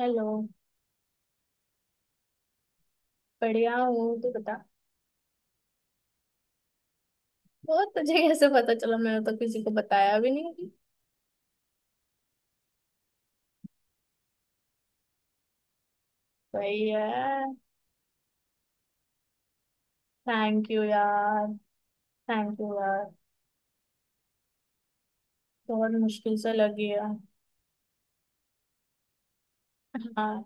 Hello. बढ़िया हूँ, तू बता। वो तुझे कैसे पता चला? मैंने तो किसी को बताया भी नहीं। सही है। थैंक यू यार। थैंक यू यार। बहुत मुश्किल से लगी है। हाँ,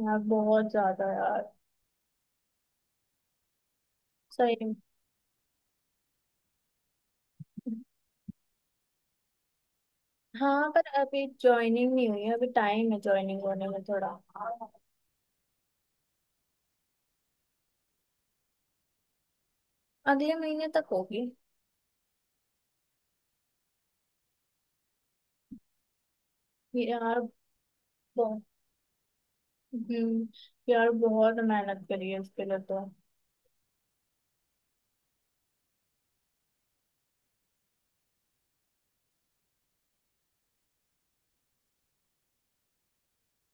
यार बहुत ज्यादा यार। सही में। हाँ, पर अभी ज्वाइनिंग नहीं हुई है, अभी टाइम है ज्वाइनिंग होने में थोड़ा। अगले महीने तक होगी। यार बहुत। हम्म, यार बहुत मेहनत करी है इसके लिए तो।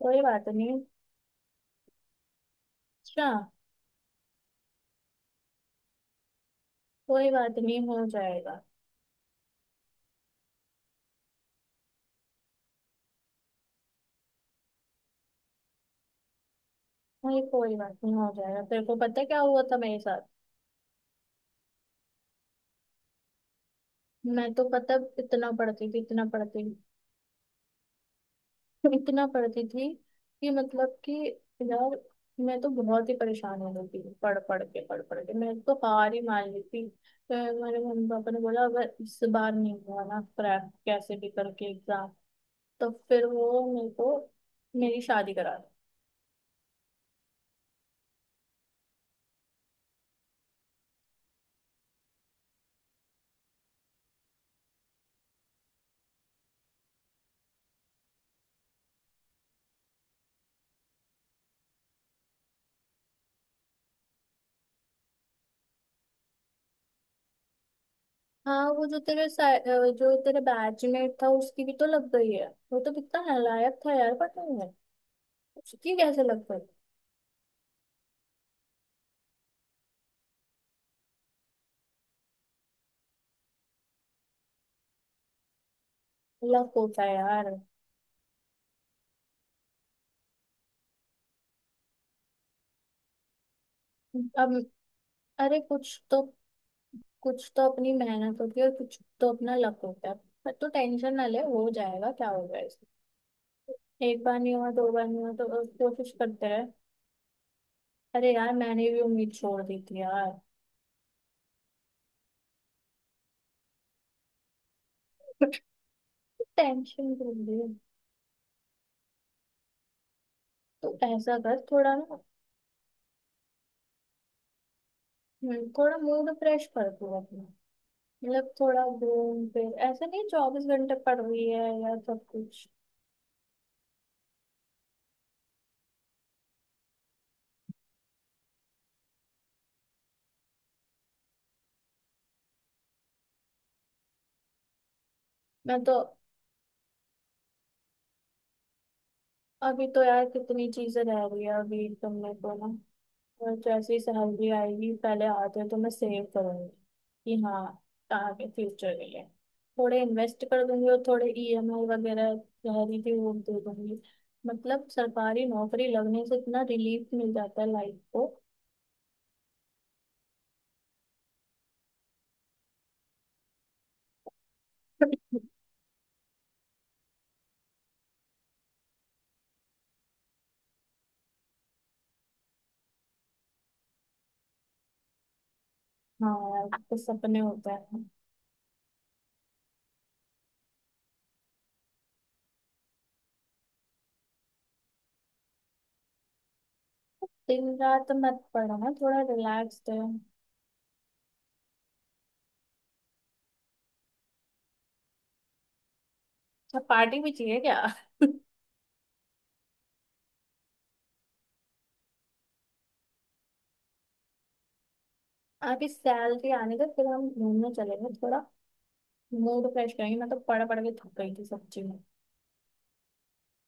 कोई बात नहीं। अच्छा, कोई बात नहीं, हो जाएगा। नहीं, कोई बात नहीं, हो जाएगा। तेरे को पता है क्या हुआ था मेरे साथ? मैं तो, पता है, इतना पढ़ती थी, इतना पढ़ती थी। इतना पढ़ती थी कि मतलब कि यार, मैं तो बहुत ही परेशान हो गई थी, पढ़ पढ़ के, पढ़ पढ़ के, मैं तो हार ही मान ली थी। तो मेरे मम्मी पापा ने बोला, अगर इस बार नहीं हुआ ना क्रैक, कैसे भी करके एग्जाम, तो फिर वो मेरे को, मेरी शादी करा दी। हाँ, वो जो तेरे जो तेरे बैचमेट था उसकी भी तो लग गई है। वो तो कितना नालायक था यार, पता है। उसकी कैसे लग गई? लग होता है यार। अब, अरे कुछ तो अपनी मेहनत होती है और कुछ तो अपना लक होता है। पर तो टेंशन ना ले, हो जाएगा क्या होगा इसमें। एक बार नहीं हुआ, दो बार नहीं हुआ तो कोशिश करते रहे। अरे यार, मैंने भी उम्मीद छोड़ दी थी यार। टेंशन क्यों ली? तो ऐसा कर थोड़ा ना, थोड़ा मूड फ्रेश कर तू अपना। मतलब थोड़ा घूम फिर, ऐसा नहीं चौबीस घंटे पड़ रही है या सब कुछ। मैं तो अभी तो यार कितनी चीजें रह रही है अभी तुमने तो ना। और जैसे ही सैलरी आएगी, पहले आते हैं तो मैं सेव करूंगी कि हाँ, आगे फ्यूचर के लिए थोड़े इन्वेस्ट कर दूंगी और थोड़े ईएमआई वगैरह रह रही थी वो दे दूंगी। मतलब सरकारी नौकरी लगने से इतना रिलीफ मिल जाता है लाइफ को। हाँ यार, कुछ सपने होते हैं। दिन रात मत पढ़ो ना, थोड़ा रिलैक्स रहो। अच्छा, पार्टी भी चाहिए क्या? अभी सैलरी आने का, फिर हम घूमने चलेंगे थोड़ा, मूड फ्रेश करेंगे। मैं तो पढ़ पढ़ के थक गई थी सच्ची में।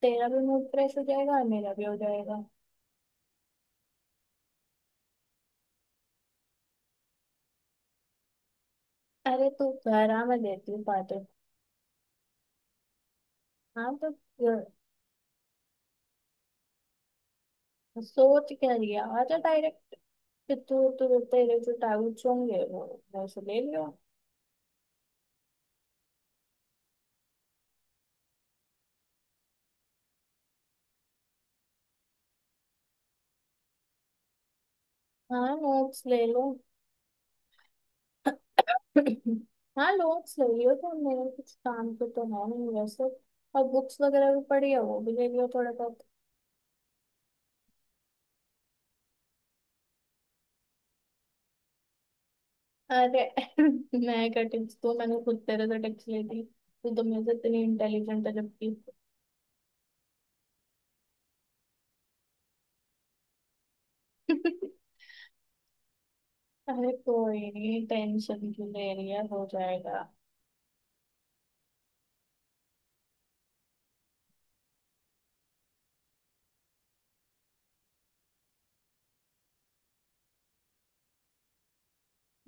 तेरा भी मूड फ्रेश हो जाएगा और मेरा भी हो जाएगा। अरे तू घर आ, मैं देती हूँ बातें। हाँ तो सोच क्या लिया, आ जा डायरेक्ट। कि तू तू तेरे जो डाउट्स होंगे वो से ले लियो। हाँ, नोट्स ले लो। हाँ, नोट्स ले लियो, तो मेरे कुछ काम के तो है नहीं वैसे। और बुक्स वगैरह भी पड़ी है वो भी ले लियो थोड़ा बहुत। अरे मैं क्या टिप्स, तो मैंने खुद तेरे से टिप्स ली थी, तू तो मेरे से इतनी इंटेलिजेंट है जबकि। अरे कोई नहीं, टेंशन क्यों ले रही है, हो जाएगा।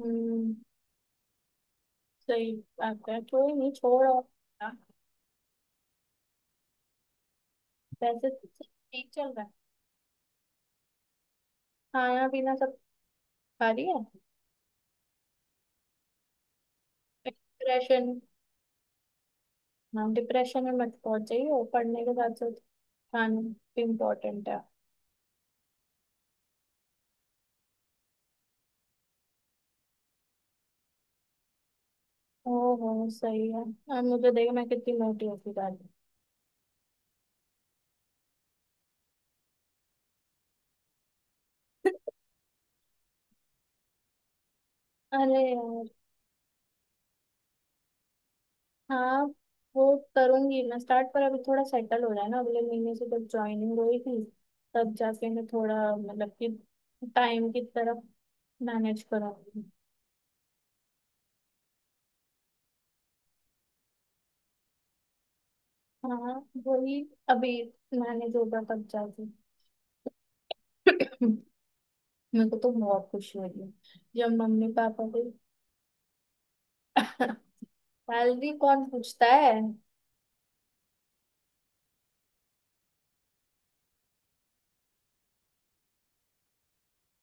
हम्म, सही बात है, कोई नहीं, छोड़ो। हाँ, वैसे तो सब ठीक चल रहा है। खाना पीना सब खा रही है? डिप्रेशन, हाँ डिप्रेशन में मत पहुंच जाइए पढ़ने के साथ साथ, खाना भी इम्पोर्टेंट है। ओहो, सही है। अब मुझे देख, मैं कितनी मोटी होती जा रही हूँ। अरे यार, हाँ वो करूंगी मैं स्टार्ट, पर अभी थोड़ा सेटल हो जाए ना, अगले महीने से जब ज्वाइनिंग हुई थी तब जाके मैं थोड़ा मतलब कि टाइम की तरफ मैनेज करूंगी। हाँ, वही, अभी मैनेज होगा तब जाके। मेरे को तो बहुत खुशी हुई है जब मम्मी पापा को। सैलरी कौन पूछता है?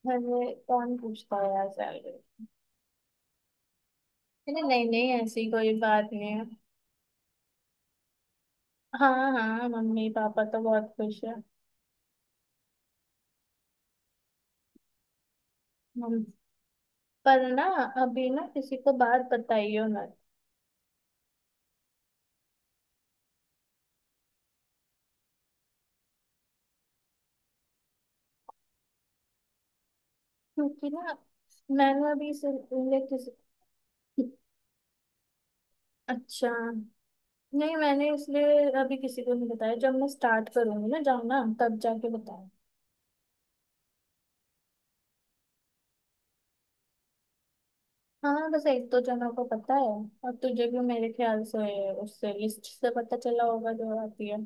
मैंने, कौन पूछता है यार सैलरी। नहीं नहीं नहीं, ऐसी कोई बात नहीं है। हाँ हाँ, मम्मी पापा तो बहुत खुश है। पर ना, अभी ना किसी को बात बताइयो मत। क्योंकि ना, मैंने अभी इसलिए किसी, अच्छा नहीं, मैंने इसलिए अभी किसी को नहीं बताया, जब मैं स्टार्ट करूंगी ना जाना तब जाके बताऊँ। हाँ, बस एक दो जनों को पता है, और तुझे भी मेरे ख्याल से उससे लिस्ट से पता चला होगा जो आती है।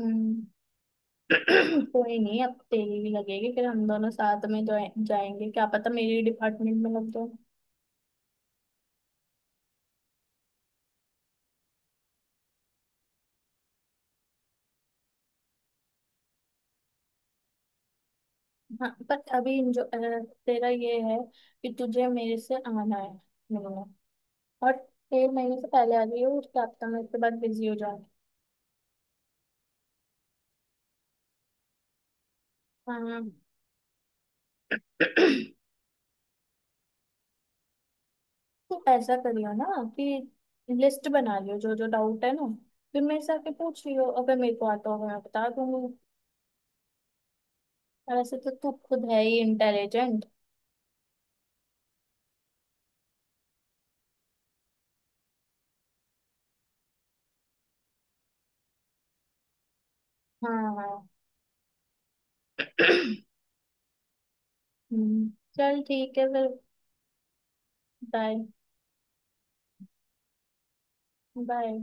हम्म, कोई नहीं, अब तेरी भी लगेगी, फिर हम दोनों साथ में जाएंगे। क्या पता मेरी डिपार्टमेंट में लग जाए। हाँ पर अभी जो तेरा ये है कि तुझे मेरे से आना है, मिलना, और 1.5 महीने से पहले आ गई हो, उसके हफ्ता में उसके बाद बिजी हो जाए। हाँ तो ऐसा करियो ना कि लिस्ट बना लियो जो जो डाउट है ना, फिर मेरे से आके पूछ लियो, अगर मेरे को आता होगा मैं बता दूंगी। वैसे तो तू खुद है ही इंटेलिजेंट। हाँ हाँ, हम्म, चल ठीक है फिर। बाय। बाय।